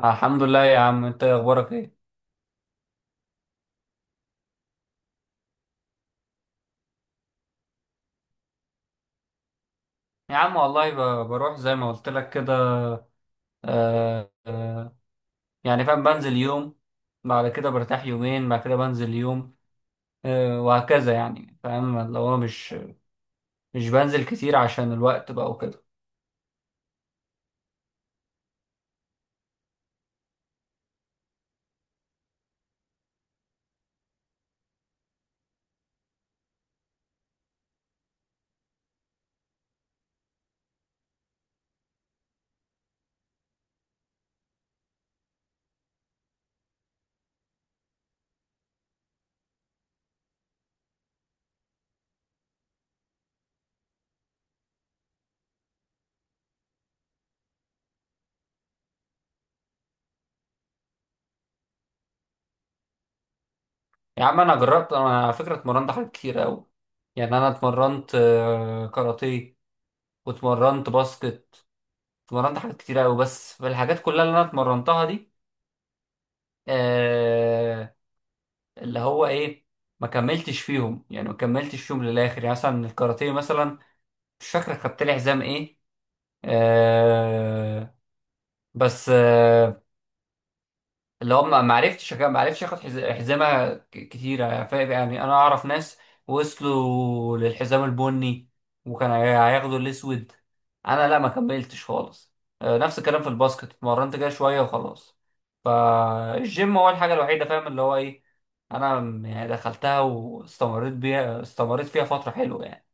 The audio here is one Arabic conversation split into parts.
آه، الحمد لله يا عم، انت اخبارك ايه؟ يا عم والله بروح زي ما قلت لك كده. آه آه. يعني فاهم، بنزل يوم، بعد كده برتاح يومين، بعد كده بنزل يوم، وهكذا. يعني فاهم اللي هو، مش بنزل كتير عشان الوقت بقى وكده. يا عم انا جربت، انا على فكرة اتمرنت حاجات كتير قوي. يعني انا اتمرنت كاراتيه، واتمرنت باسكت، اتمرنت حاجات كتير قوي. بس في الحاجات كلها اللي انا اتمرنتها دي، آه، اللي هو ايه، ما كملتش فيهم، يعني ما كملتش فيهم للاخر. يعني مثلا الكاراتيه مثلا، مش فاكر خدت لي حزام ايه. آه بس، اللي هو ما عرفتش، اخد حزامه كتيره، فاهم؟ يعني انا اعرف ناس وصلوا للحزام البني، وكان هياخدوا الاسود. انا لا، ما كملتش خالص. آه، نفس الكلام في الباسكت، اتمرنت كده شويه وخلاص. فالجيم هو الحاجه الوحيده، فاهم اللي هو ايه، انا يعني دخلتها واستمريت بيها، استمريت فيها فتره حلوه يعني.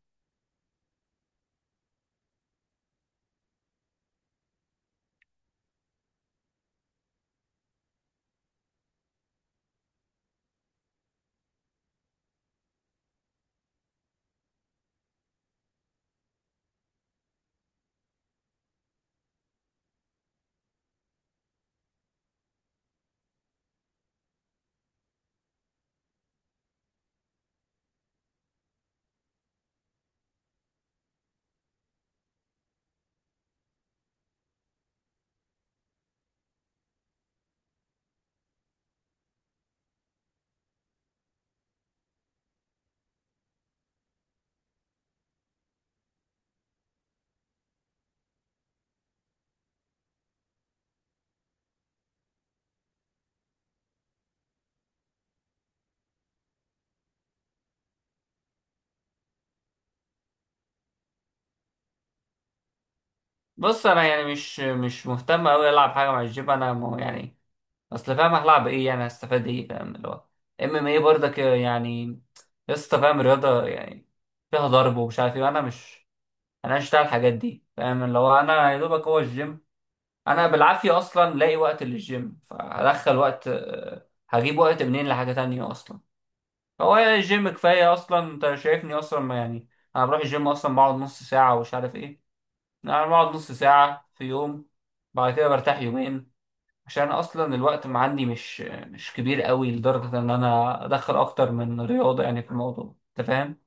بص، انا يعني مش مهتم قوي العب حاجه مع الجيم، انا يعني اصل، فاهم هلعب ايه؟ يعني هستفاد ايه؟ فاهم اللي هو، ام ام ايه برضك يعني، لسه فاهم رياضه يعني فيها ضرب ومش عارف ايه. وانا مش انا مش بتاع الحاجات دي، فاهم اللي هو، انا يا دوبك هو الجيم. انا بالعافيه اصلا لاقي وقت للجيم، فهدخل وقت، هجيب وقت منين لحاجه تانية اصلا؟ هو الجيم كفايه اصلا، انت شايفني اصلا ما يعني. انا بروح الجيم اصلا بقعد نص ساعه ومش عارف ايه، انا بقعد نص ساعه في يوم، بعد كده برتاح يومين، عشان أنا اصلا الوقت ما عندي مش كبير قوي لدرجه ان انا ادخل اكتر من رياضه، يعني في الموضوع انت فاهم.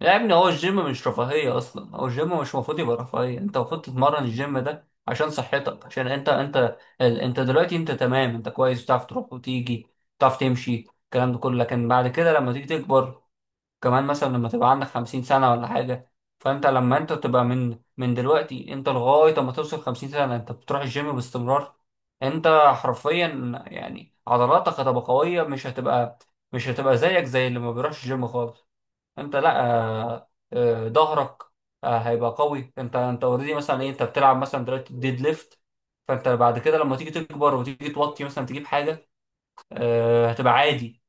يا ابني، هو الجيم مش رفاهيه اصلا، هو الجيم مش المفروض يبقى رفاهيه. انت المفروض تتمرن الجيم ده عشان صحتك، عشان انت انت دلوقتي انت تمام، انت كويس، بتعرف تروح وتيجي، بتعرف تمشي، الكلام ده كله، لكن بعد كده لما تيجي تكبر كمان مثلا، لما تبقى عندك خمسين سنة ولا حاجة. فأنت لما أنت تبقى من دلوقتي، أنت لغاية ما توصل خمسين سنة أنت بتروح الجيم باستمرار، أنت حرفيا يعني عضلاتك هتبقى قوية، مش هتبقى زيك زي اللي ما بيروحش الجيم خالص. أنت لأ، ظهرك، هيبقى قوي. أنت أوريدي مثلا إيه، أنت بتلعب مثلا دلوقتي ديد ليفت. فأنت بعد كده لما تيجي تكبر وتيجي توطي مثلا تجيب حاجة، هتبقى عادي،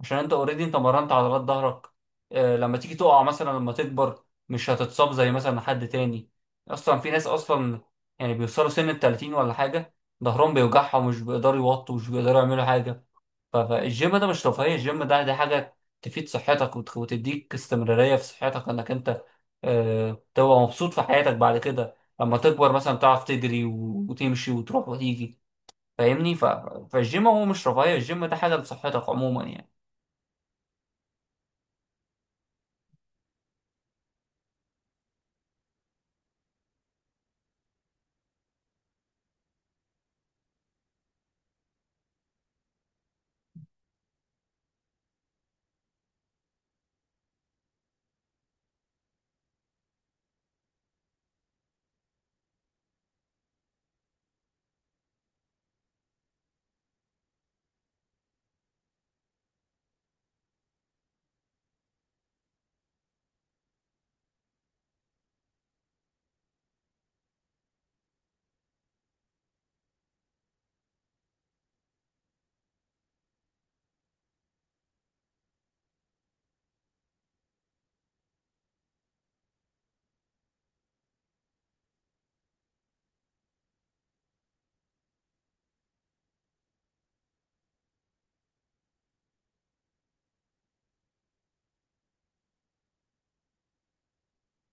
عشان انت اوريدي انت مرنت عضلات ظهرك. لما تيجي تقع مثلا لما تكبر، مش هتتصاب زي مثلا حد تاني. اصلا في ناس اصلا يعني بيوصلوا سن ال 30 ولا حاجه، ظهرهم بيوجعهم ومش بيقدروا يوطوا ومش بيقدروا يعملوا حاجه. فالجيم ده مش رفاهيه، الجيم ده دي حاجه تفيد صحتك، وتديك استمراريه في صحتك، انك انت، تبقى مبسوط في حياتك بعد كده لما تكبر مثلا، تعرف تجري وتمشي وتروح وتيجي، فاهمني. فالجيم هو مش رفاهيه، الجيم ده حاجه لصحتك عموما يعني.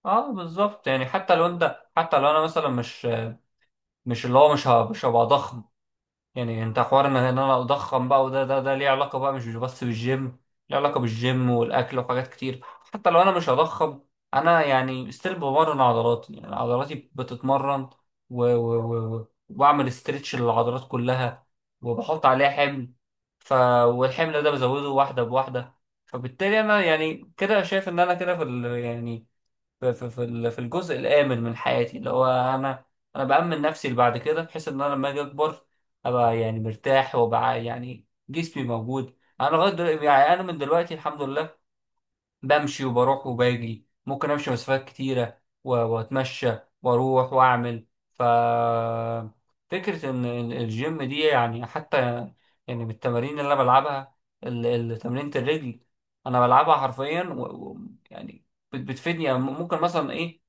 اه، بالظبط. يعني حتى لو انت، حتى لو انا مثلا مش، اللي هو مش هبقى ضخم. يعني انت حوار إن انا اضخم بقى، وده ده ده ليه علاقه بقى مش بس بالجيم، ليه علاقه بالجيم والاكل وحاجات كتير. حتى لو انا مش هضخم، انا يعني ستيل بمرن عضلاتي، يعني عضلاتي بتتمرن، وبعمل استرتش للعضلات كلها، وبحط عليها حمل. ف والحمل ده بزوده واحده بواحده. فبالتالي انا يعني كده شايف ان انا كده في ال... يعني في في في ال- في الجزء الآمن من حياتي، اللي هو أنا، بأمن نفسي لبعد كده، بحيث إن أنا لما أجي أكبر، أبقى يعني مرتاح، وأبقى يعني جسمي موجود. أنا لغاية دلوقتي يعني، أنا من دلوقتي الحمد لله بمشي وبروح وباجي، ممكن أمشي مسافات كتيرة وأتمشى وأروح وأعمل. ف فكرة إن الجيم دي، يعني حتى يعني بالتمارين اللي أنا بلعبها، تمرينة الرجل أنا بلعبها حرفيا، و... يعني بتفيدني. يعني ممكن مثلا ايه،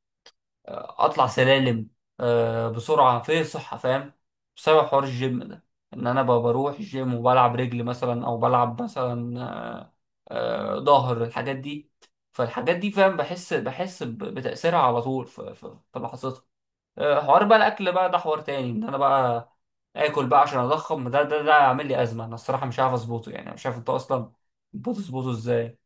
اطلع سلالم، بسرعه، في صحه، فاهم، بسبب حوار الجيم ده، ان انا بقى بروح الجيم وبلعب رجل مثلا او بلعب مثلا، ظهر، الحاجات دي. فالحاجات دي، فاهم، بحس بتاثيرها على طول في في لحظتها. حوار بقى الاكل بقى، ده حوار تاني، ان انا بقى اكل بقى عشان اضخم، ده عامل لي ازمه. انا الصراحه مش عارف اظبطه، يعني مش عارف انت اصلا بتظبطه ازاي؟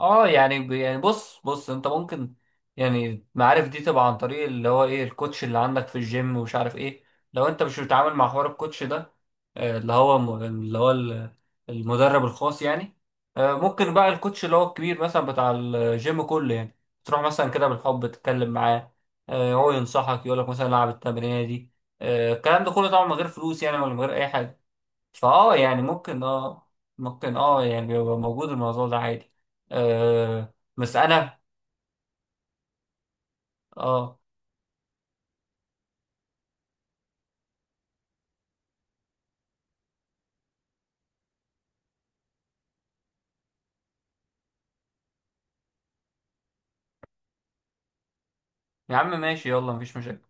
اه يعني يعني بص بص، انت ممكن، يعني المعارف دي تبقى عن طريق اللي هو ايه، الكوتش اللي عندك في الجيم ومش عارف ايه. لو انت مش بتتعامل مع حوار الكوتش ده، اللي هو اللي هو المدرب الخاص يعني، ممكن بقى الكوتش اللي هو الكبير مثلا بتاع الجيم كله يعني، تروح مثلا كده بالحب تتكلم معاه، هو ينصحك، يقولك مثلا العب التمرينه دي، الكلام ده كله طبعا من غير فلوس يعني، ولا من غير اي حاجه. فاه يعني ممكن، ممكن، يعني يبقى موجود الموضوع ده عادي. بس انا. اه، يا عم ماشي، يلا، مفيش مشاكل.